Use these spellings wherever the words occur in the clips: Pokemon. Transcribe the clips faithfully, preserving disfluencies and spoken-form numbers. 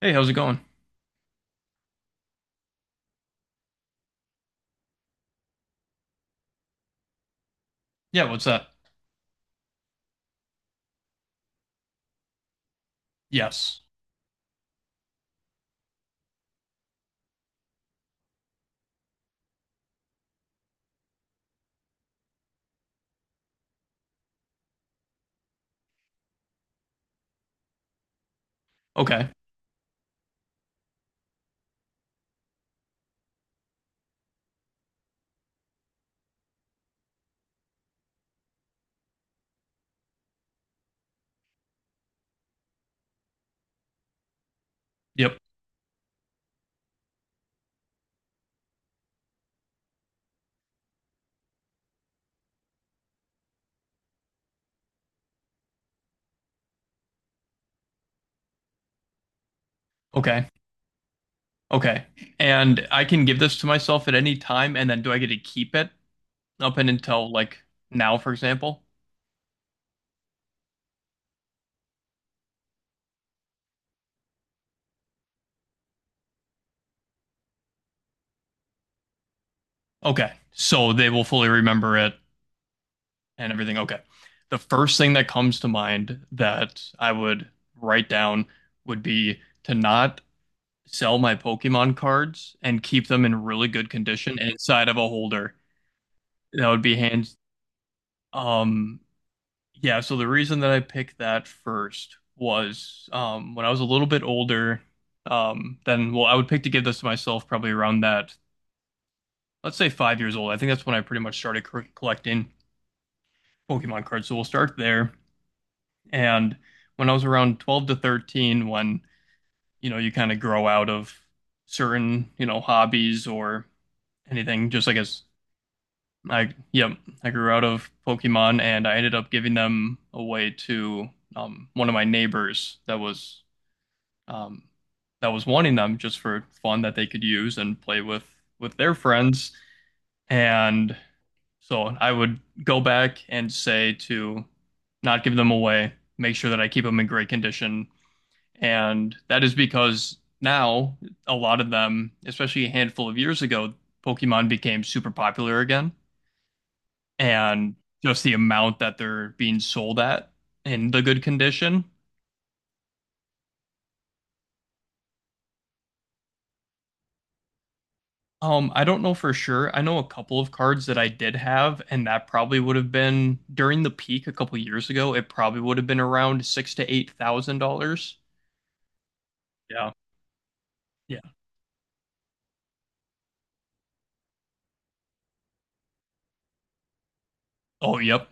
Hey, how's it going? Yeah, what's that? Yes. Okay. Yep. Okay. Okay. And I can give this to myself at any time, and then do I get to keep it up and until like now, for example? Okay. So they will fully remember it and everything. Okay. The first thing that comes to mind that I would write down would be to not sell my Pokemon cards and keep them in really good condition and inside of a holder. That would be hands. Um, Yeah, so the reason that I picked that first was um, when I was a little bit older, um, then, well, I would pick to give this to myself probably around that, let's say five years old. I think that's when I pretty much started co- collecting Pokemon cards. So we'll start there. And when I was around twelve to thirteen, when, you know, you kind of grow out of certain, you know, hobbies or anything, just I guess. I, yep, I grew out of Pokemon and I ended up giving them away to um, one of my neighbors that was um, that was wanting them just for fun that they could use and play with with their friends. And so I would go back and say to not give them away, make sure that I keep them in great condition. And that is because now a lot of them, especially a handful of years ago, Pokemon became super popular again. And just the amount that they're being sold at in the good condition. Um, I don't know for sure. I know a couple of cards that I did have, and that probably would have been during the peak a couple years ago. It probably would have been around six to eight thousand dollars. Yeah. Yeah. Oh, yep.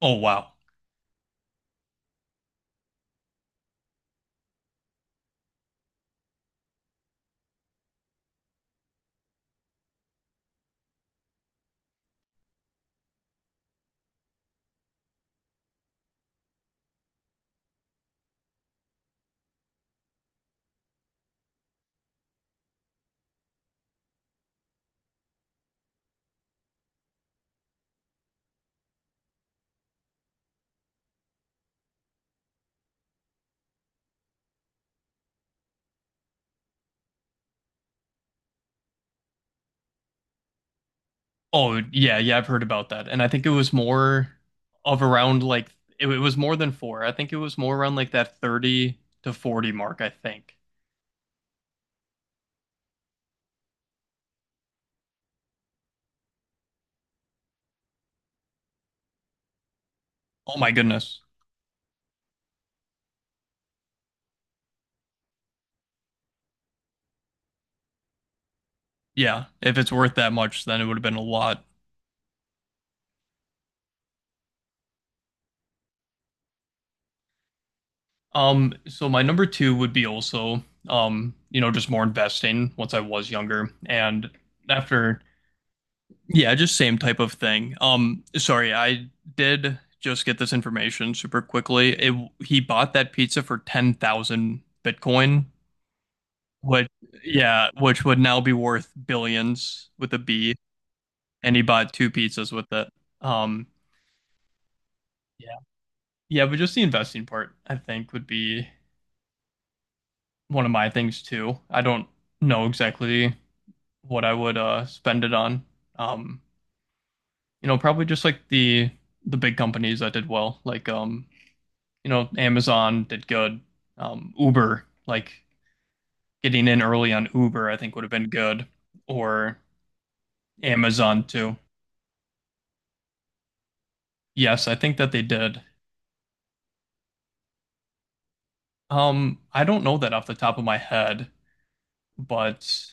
Oh, wow. Oh, yeah, yeah. I've heard about that, and I think it was more of around like it, it was more than four. I think it was more around like that thirty to forty mark, I think. Oh my goodness. Yeah. If it's worth that much, then it would have been a lot. Um, so my number two would be also, um, you know, just more investing once I was younger and after, yeah, just same type of thing. Um, sorry, I did just get this information super quickly. It, he bought that pizza for ten thousand Bitcoin, which, yeah, which would now be worth billions with a B, and he bought two pizzas with it. Um, yeah, yeah, but just the investing part, I think, would be one of my things too. I don't know exactly what I would uh spend it on. Um, you know, probably just like the the big companies that did well, like um, you know, Amazon did good. Um, Uber, like getting in early on Uber, I think would have been good, or Amazon too. Yes, I think that they did. Um, I don't know that off the top of my head, but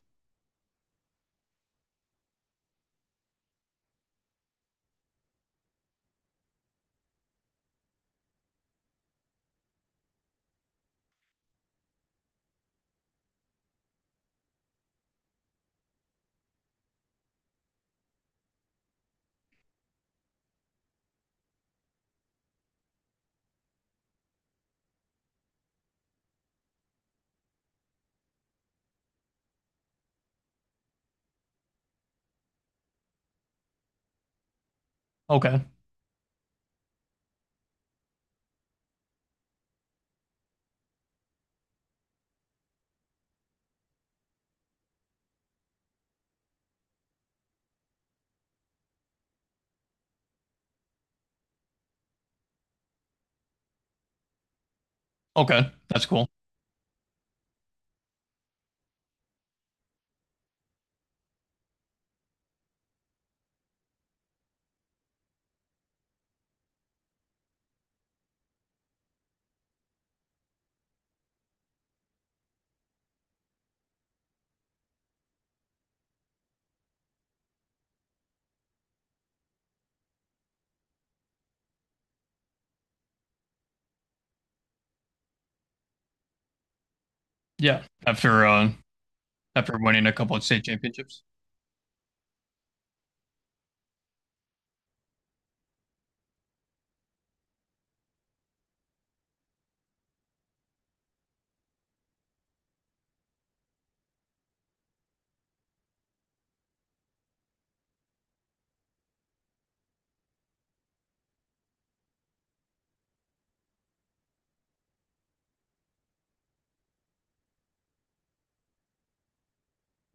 okay, okay, that's cool. Yeah, after uh, after winning a couple of state championships.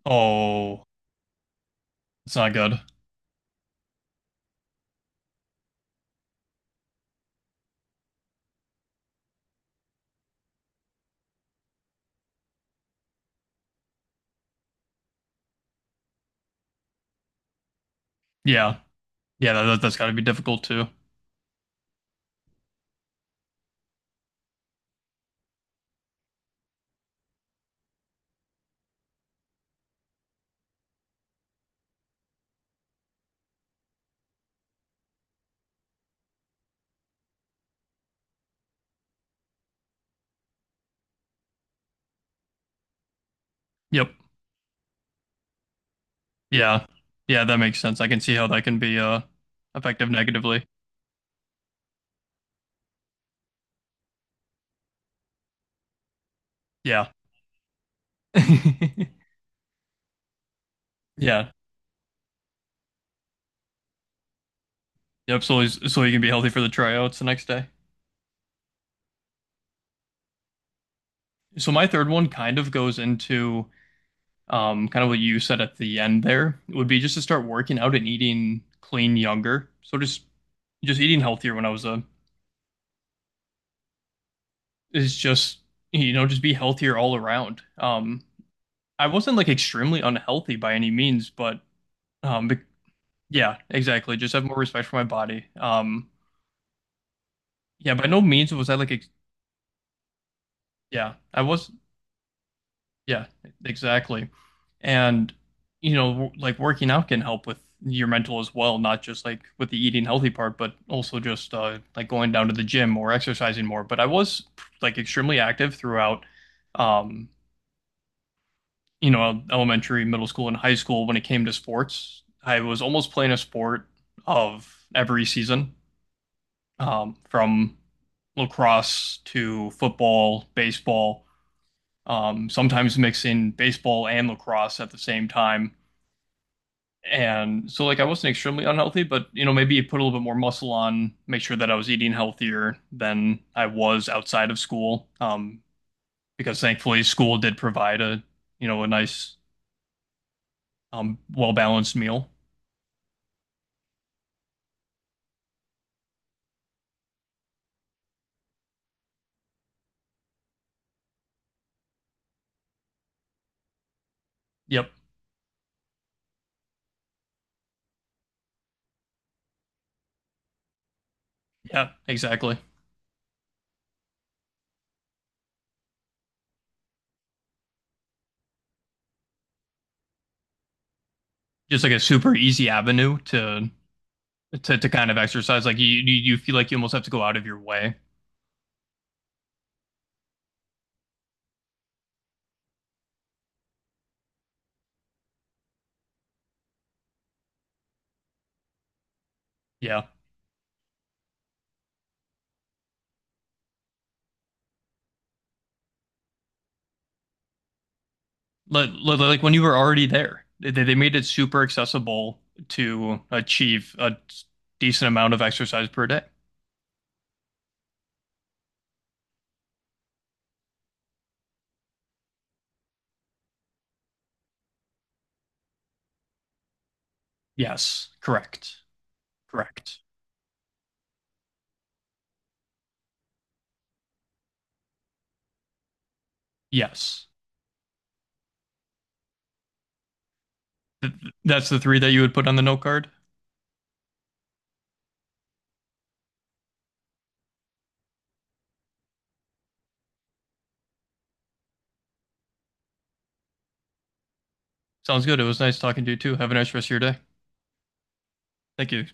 Oh, it's not good. Yeah, yeah, that, that's got to be difficult too. Yep. Yeah. Yeah, that makes sense. I can see how that can be uh effective negatively. Yeah. Yeah. Yep. So he's- so you can be healthy for the tryouts the next day. So my third one kind of goes into um kind of what you said at the end there. It would be just to start working out and eating clean younger. So just just eating healthier when I was a is just, you know, just be healthier all around. Um I wasn't like extremely unhealthy by any means, but um yeah, exactly. Just have more respect for my body. Um, yeah, by no means was I like, ex yeah, I was, yeah, exactly. And, you know, w- like working out can help with your mental as well, not just like with the eating healthy part, but also just uh, like going down to the gym or exercising more. But I was like extremely active throughout, um, you know, elementary, middle school, and high school when it came to sports. I was almost playing a sport of every season. um, from lacrosse to football, baseball, um, sometimes mixing baseball and lacrosse at the same time. And so, like, I wasn't extremely unhealthy, but you know, maybe put a little bit more muscle on, make sure that I was eating healthier than I was outside of school. Um, because thankfully, school did provide a you know a nice, um, well balanced meal. Yep. Yeah. Exactly. Just like a super easy avenue to to, to kind of exercise like you you feel like you almost have to go out of your way, yeah, like, like when you were already there they, they made it super accessible to achieve a decent amount of exercise per day. Yes, correct. Correct. Yes. That's the three that you would put on the note card. Sounds good. It was nice talking to you too. Have a nice rest of your day. Thank you.